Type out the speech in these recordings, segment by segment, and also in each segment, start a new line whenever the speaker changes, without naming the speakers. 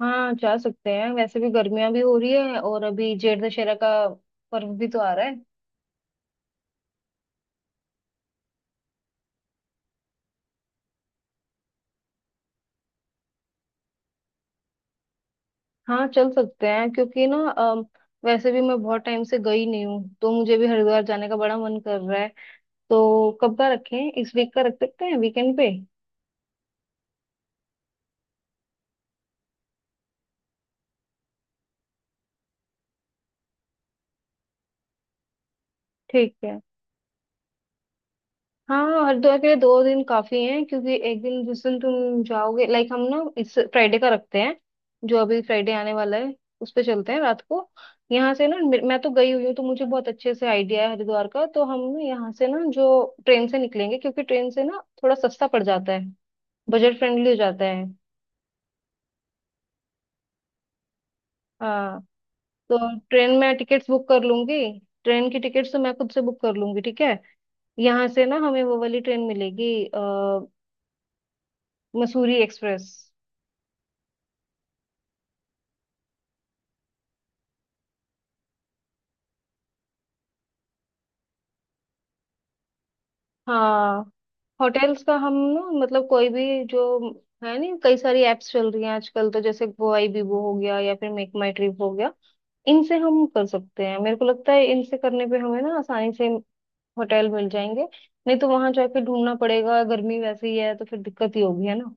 हाँ, जा सकते हैं। वैसे भी गर्मियां भी हो रही है और अभी जेठ दशहरा का पर्व भी तो आ रहा है। हाँ, चल सकते हैं क्योंकि ना वैसे भी मैं बहुत टाइम से गई नहीं हूँ, तो मुझे भी हरिद्वार जाने का बड़ा मन कर रहा है। तो कब का रखें? इस वीक का रख सकते हैं, वीकेंड पे। ठीक है। हाँ, हरिद्वार के लिए 2 दिन काफी हैं क्योंकि एक दिन जिस दिन तुम जाओगे, लाइक हम ना इस फ्राइडे का रखते हैं, जो अभी फ्राइडे आने वाला है उस पे चलते हैं रात को। यहाँ से ना मैं तो गई हुई हूँ, तो मुझे बहुत अच्छे से आइडिया है हरिद्वार का। तो हम ना यहाँ से ना जो ट्रेन से निकलेंगे, क्योंकि ट्रेन से ना थोड़ा सस्ता पड़ जाता है, बजट फ्रेंडली हो जाता है। हाँ, तो ट्रेन में टिकट्स बुक कर लूंगी। ट्रेन की टिकट्स तो मैं खुद से बुक कर लूंगी, ठीक है। यहाँ से ना हमें वो वाली ट्रेन मिलेगी, मसूरी एक्सप्रेस। हाँ। होटल्स का हम ना, मतलब कोई भी, जो है नहीं, कई सारी एप्स चल रही हैं आजकल, तो जैसे वो आई बीबो हो गया या फिर मेक माई ट्रिप हो गया, इनसे हम कर सकते हैं। मेरे को लगता है इनसे करने पे हमें ना आसानी से होटल मिल जाएंगे। नहीं तो वहां जाके ढूंढना पड़ेगा, गर्मी वैसे ही है तो फिर दिक्कत ही होगी, है ना।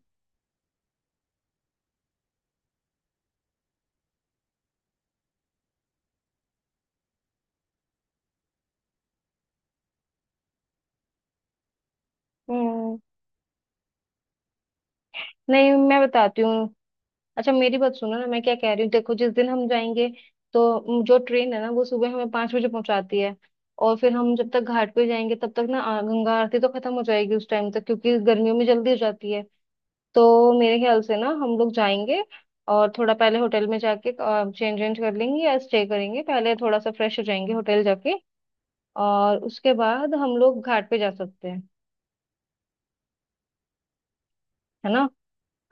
हम्म, नहीं मैं बताती हूँ। अच्छा मेरी बात सुनो ना, मैं क्या कह रही हूँ, देखो जिस दिन हम जाएंगे, तो जो ट्रेन है ना, वो सुबह हमें 5 बजे पहुंचाती है, और फिर हम जब तक घाट पे जाएंगे तब तक ना गंगा आरती तो खत्म हो जाएगी उस टाइम तक, क्योंकि गर्मियों में जल्दी हो जाती है। तो मेरे ख्याल से ना हम लोग जाएंगे और थोड़ा पहले होटल में जाके चेंज वेंज कर लेंगे, या स्टे करेंगे पहले, थोड़ा सा फ्रेश हो जाएंगे होटल जाके, और उसके बाद हम लोग घाट पे जा सकते हैं, है ना।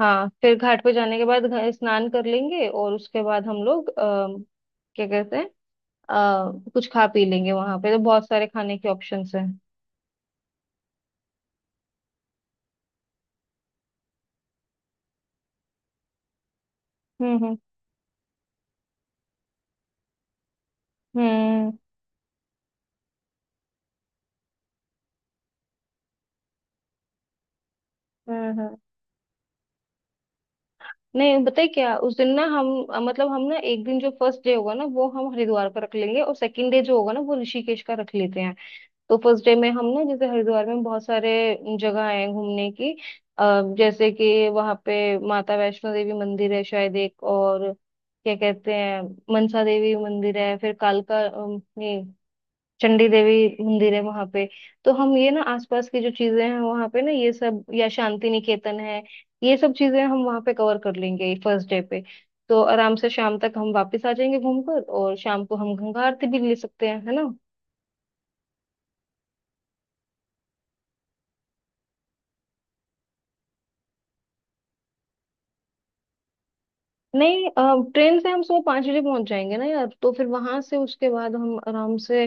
हाँ, फिर घाट पे जाने के बाद स्नान कर लेंगे और उसके बाद हम लोग क्या कहते हैं, कुछ खा पी लेंगे। वहां पे तो बहुत सारे खाने के ऑप्शंस हैं। हम्म, हम्म, हम्म, हम्म, नहीं बताए क्या, उस दिन ना हम मतलब हम ना, एक दिन जो फर्स्ट डे होगा ना वो हम हरिद्वार का रख लेंगे, और सेकंड डे जो होगा ना वो ऋषिकेश का रख लेते हैं। तो फर्स्ट डे में हम ना, जैसे हरिद्वार में बहुत सारे जगह है घूमने की, जैसे कि वहाँ पे माता वैष्णो देवी मंदिर है, शायद, एक और क्या कहते हैं मनसा देवी मंदिर है, फिर कालका ये चंडी देवी मंदिर है वहां पे। तो हम ये ना आसपास की जो चीजें हैं वहां पे ना, ये सब, या शांति निकेतन है, ये सब चीजें हम वहां पे कवर कर लेंगे फर्स्ट डे पे। तो आराम से शाम तक हम वापस आ जाएंगे घूमकर, और शाम को हम गंगा आरती भी ले सकते हैं, है ना। नहीं, ट्रेन से हम सुबह 5 बजे पहुंच जाएंगे ना यार, तो फिर वहां से उसके बाद हम आराम से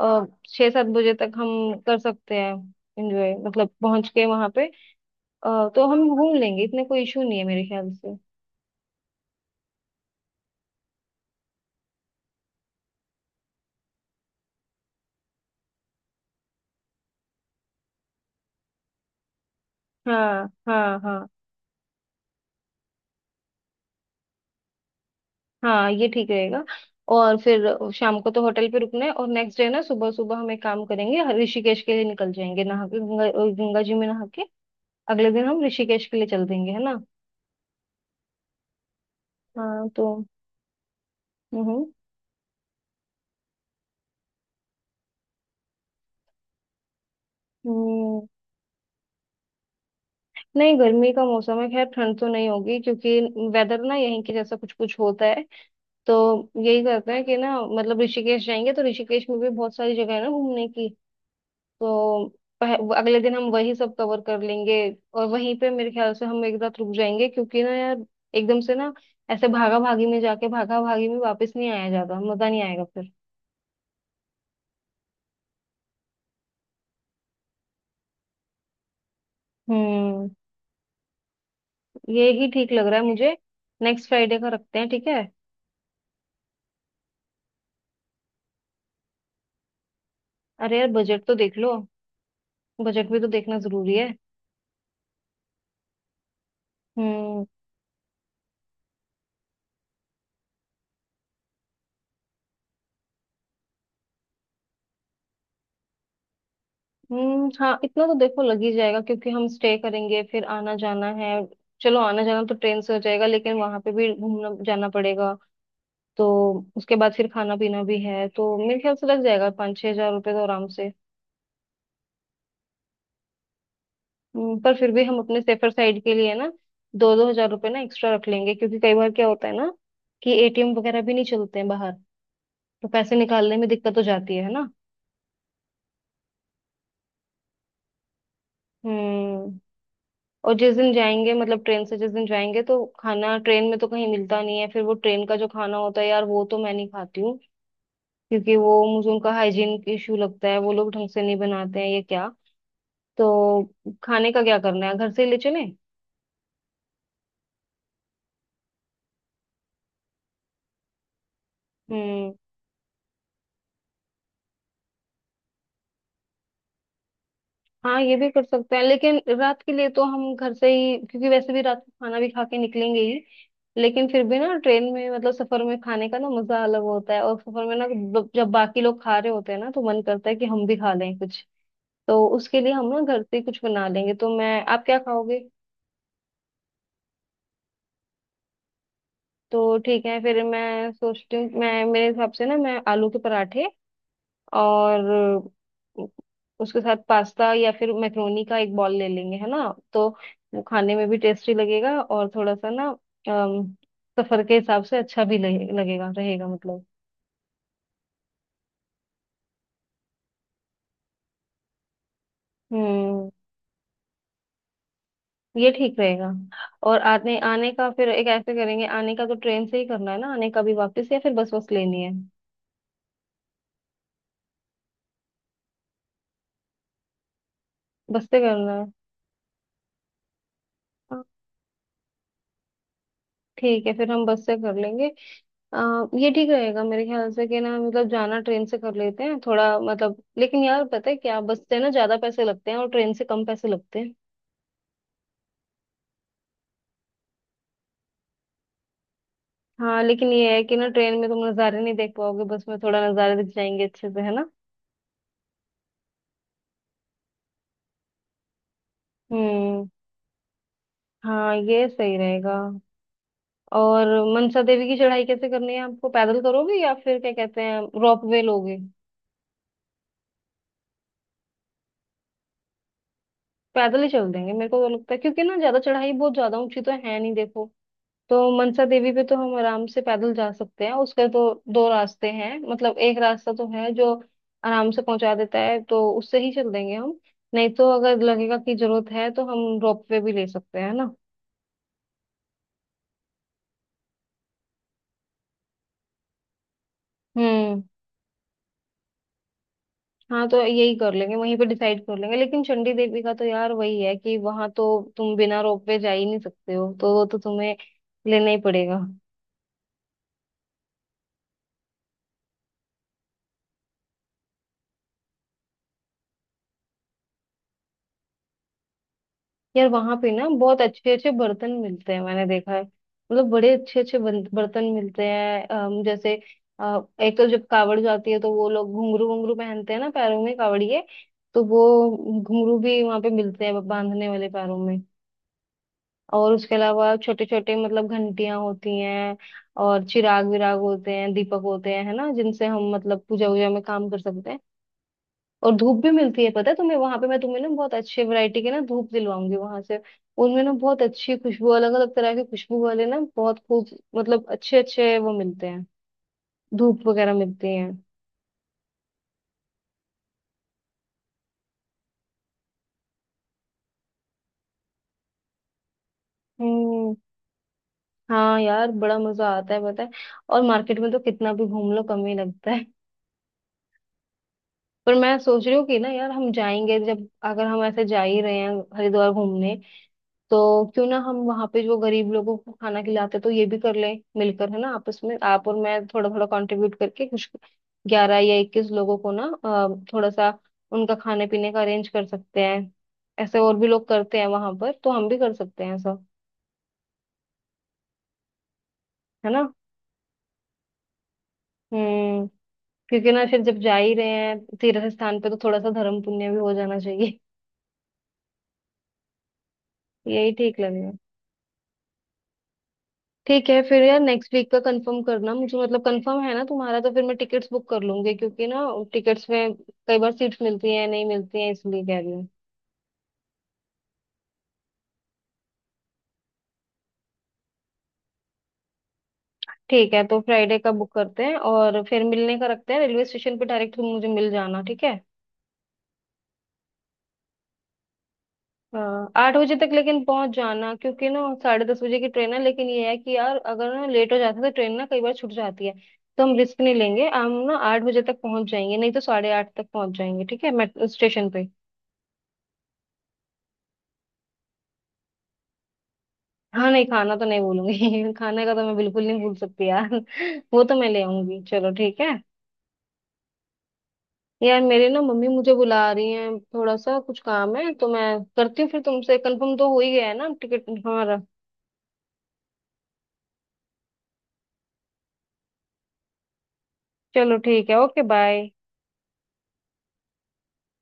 6-7 बजे तक हम कर सकते हैं एंजॉय, मतलब पहुंच के वहां पे। तो हम घूम लेंगे, इतने कोई इशू नहीं है मेरे ख्याल से। हाँ, हाँ, हाँ। हाँ, ये ठीक रहेगा। और फिर शाम को तो होटल पे रुकना है, और नेक्स्ट डे ना सुबह सुबह हम एक काम करेंगे, ऋषिकेश के लिए निकल जाएंगे नहा के, गंगा जी में नहा के अगले दिन हम ऋषिकेश के लिए चल देंगे, है ना। हाँ तो। हम्म, हम्म, नहीं गर्मी का मौसम है, खैर ठंड तो नहीं होगी क्योंकि वेदर ना यहीं के जैसा कुछ कुछ होता है। तो यही करते हैं कि ना, मतलब ऋषिकेश जाएंगे तो ऋषिकेश में भी बहुत सारी जगह है ना घूमने की, तो वो अगले दिन हम वही सब कवर कर लेंगे। और वहीं पे मेरे ख्याल से हम एक रात रुक जाएंगे, क्योंकि ना यार एकदम से ना ऐसे भागा भागी में जाके भागा भागी में वापस नहीं आया जाता, मजा नहीं आएगा फिर। हम्म, ये ही ठीक लग रहा है मुझे। नेक्स्ट फ्राइडे का रखते हैं, ठीक है। अरे यार, बजट तो देख लो, बजट भी तो देखना जरूरी है। हम्म। हम्म, हाँ इतना तो देखो लग ही जाएगा, क्योंकि हम स्टे करेंगे, फिर आना जाना है। चलो, आना जाना तो ट्रेन से हो जाएगा, लेकिन वहां पे भी घूमना जाना पड़ेगा, तो उसके बाद फिर खाना पीना भी है, तो मेरे ख्याल से लग जाएगा 5-6 हज़ार रुपये तो आराम से। पर फिर भी हम अपने सेफर साइड के लिए ना 2-2 हज़ार रुपये ना एक्स्ट्रा रख लेंगे, क्योंकि कई बार क्या होता है ना, कि एटीएम वगैरह भी नहीं चलते हैं बाहर, तो पैसे निकालने में दिक्कत हो जाती है ना। हम्म। और जिस दिन जाएंगे, मतलब ट्रेन से जिस दिन जाएंगे, तो खाना ट्रेन में तो कहीं मिलता नहीं है। फिर वो ट्रेन का जो खाना होता है यार, वो तो मैं नहीं खाती हूँ, क्योंकि वो मुझे उनका हाइजीन इशू लगता है, वो लोग ढंग से नहीं बनाते हैं, ये क्या। तो खाने का क्या करना है, घर से ही ले चलें। हम्म, हाँ ये भी कर सकते हैं, लेकिन रात के लिए तो हम घर से ही, क्योंकि वैसे भी रात को खाना भी खा के निकलेंगे ही। लेकिन फिर भी ना, ट्रेन में मतलब सफर में खाने का ना मजा अलग होता है, और सफर में ना जब बाकी लोग खा रहे होते हैं ना, तो मन करता है कि हम भी खा लें कुछ। तो उसके लिए हम ना घर से ही कुछ बना लेंगे। तो मैं, आप क्या खाओगे? तो ठीक है, फिर मैं सोचती हूँ, मैं मेरे हिसाब से ना, मैं आलू के पराठे और उसके साथ पास्ता या फिर मैक्रोनी का एक बॉल ले लेंगे, है ना। तो वो खाने में भी टेस्टी लगेगा और थोड़ा सा ना अम, सफर के हिसाब से अच्छा भी लगेगा रहेगा, मतलब। हम्म, ये ठीक रहेगा। और आने आने का फिर एक ऐसे करेंगे, आने का तो ट्रेन से ही करना है ना, आने का भी वापस, या फिर बस बस लेनी है। बस से करना है, ठीक है फिर हम बस से कर लेंगे। ये ठीक रहेगा मेरे ख्याल से कि ना, मतलब जाना ट्रेन से कर लेते हैं थोड़ा, मतलब लेकिन यार पता है क्या, बस से ना ज्यादा पैसे लगते हैं और ट्रेन से कम पैसे लगते हैं। हाँ, लेकिन ये है कि ना ट्रेन में तुम नज़ारे नहीं देख पाओगे, बस में थोड़ा नज़ारे दिख जाएंगे अच्छे से, है ना। हम्म, हाँ ये सही रहेगा। और मनसा देवी की चढ़ाई कैसे करनी है आपको, पैदल करोगे या फिर क्या कहते हैं रोप वे लोगे? पैदल ही चल देंगे मेरे को तो लगता है, क्योंकि ना ज्यादा चढ़ाई बहुत ज्यादा ऊंची तो है नहीं देखो। तो मनसा देवी पे तो हम आराम से पैदल जा सकते हैं, उसके तो दो रास्ते हैं, मतलब एक रास्ता तो है जो आराम से पहुंचा देता है, तो उससे ही चल देंगे हम। नहीं तो अगर लगेगा कि जरूरत है तो हम रोप वे भी ले सकते हैं ना। हम्म, हाँ तो यही कर लेंगे, वहीं पे डिसाइड कर लेंगे। लेकिन चंडी देवी का तो यार वही है, कि वहां तो तुम बिना रोप वे जा ही नहीं सकते हो, तो वो तो तुम्हें लेना ही पड़ेगा। यार वहां पे ना बहुत अच्छे अच्छे बर्तन मिलते हैं, मैंने देखा है, मतलब बड़े अच्छे अच्छे बर्तन मिलते हैं। जैसे एक तो जब कावड़ जाती है तो वो लोग घुंघरू घुंघरू पहनते हैं ना पैरों में, कावड़िए, तो वो घुंघरू भी वहां पे मिलते हैं बांधने वाले पैरों में। और उसके अलावा छोटे छोटे मतलब घंटियां होती हैं, और चिराग विराग होते हैं, दीपक होते हैं, है ना, जिनसे हम मतलब पूजा वूजा में काम कर सकते हैं। और धूप भी मिलती है पता है तुम्हें, वहां पे मैं तुम्हें ना बहुत अच्छे वैरायटी के ना धूप दिलवाऊंगी वहां से। उनमें ना बहुत अच्छी खुशबू, अलग अलग तरह के खुशबू वाले ना बहुत खूब, मतलब अच्छे अच्छे वो मिलते हैं, धूप वगैरह मिलती हैं। हम्म, हाँ यार बड़ा मजा आता है पता है, और मार्केट में तो कितना भी घूम लो कम ही लगता है। पर मैं सोच रही हूँ कि ना यार, हम जाएंगे जब, अगर हम ऐसे जा ही रहे हैं हरिद्वार घूमने, तो क्यों ना हम वहां पे जो गरीब लोगों को खाना खिलाते, तो ये भी कर लें मिलकर, है ना, आपस में आप और मैं थोड़ा थोड़ा कंट्रीब्यूट करके कुछ 11 या 21 लोगों को ना थोड़ा सा उनका खाने पीने का अरेंज कर सकते हैं। ऐसे और भी लोग करते हैं वहां पर, तो हम भी कर सकते हैं ऐसा, है ना। हम्म, क्योंकि ना फिर जब जा ही रहे हैं तीर्थ स्थान पे, तो थोड़ा सा धर्म पुण्य भी हो जाना चाहिए। यही ठीक लगेगा। ठीक है फिर यार नेक्स्ट वीक का कंफर्म करना मुझे, मतलब कंफर्म है ना तुम्हारा, तो फिर मैं टिकट्स बुक कर लूंगी, क्योंकि ना टिकट्स में कई बार सीट्स मिलती हैं, नहीं मिलती हैं, इसलिए कह रही हूँ। ठीक है, तो फ्राइडे का बुक करते हैं, और फिर मिलने का रखते हैं रेलवे स्टेशन पे डायरेक्ट, तुम मुझे मिल जाना, ठीक है। हाँ, 8 बजे तक लेकिन पहुंच जाना, क्योंकि ना 10:30 बजे की ट्रेन है, लेकिन ये है कि यार अगर ना लेट हो जाता है तो ट्रेन ना कई बार छूट जाती है। तो हम रिस्क नहीं लेंगे, हम ना 8 बजे तक पहुंच जाएंगे, नहीं तो 8:30 तक पहुंच जाएंगे, ठीक है, मेट्रो स्टेशन पे। हाँ, नहीं खाना तो नहीं भूलूंगी खाने का तो मैं बिल्कुल नहीं भूल सकती यार वो तो मैं ले आऊंगी, चलो ठीक है। यार मेरी ना मम्मी मुझे बुला रही है, थोड़ा सा कुछ काम है तो मैं करती हूँ, फिर तुमसे कंफर्म तो हो ही गया है ना टिकट हमारा। चलो ठीक है, ओके बाय।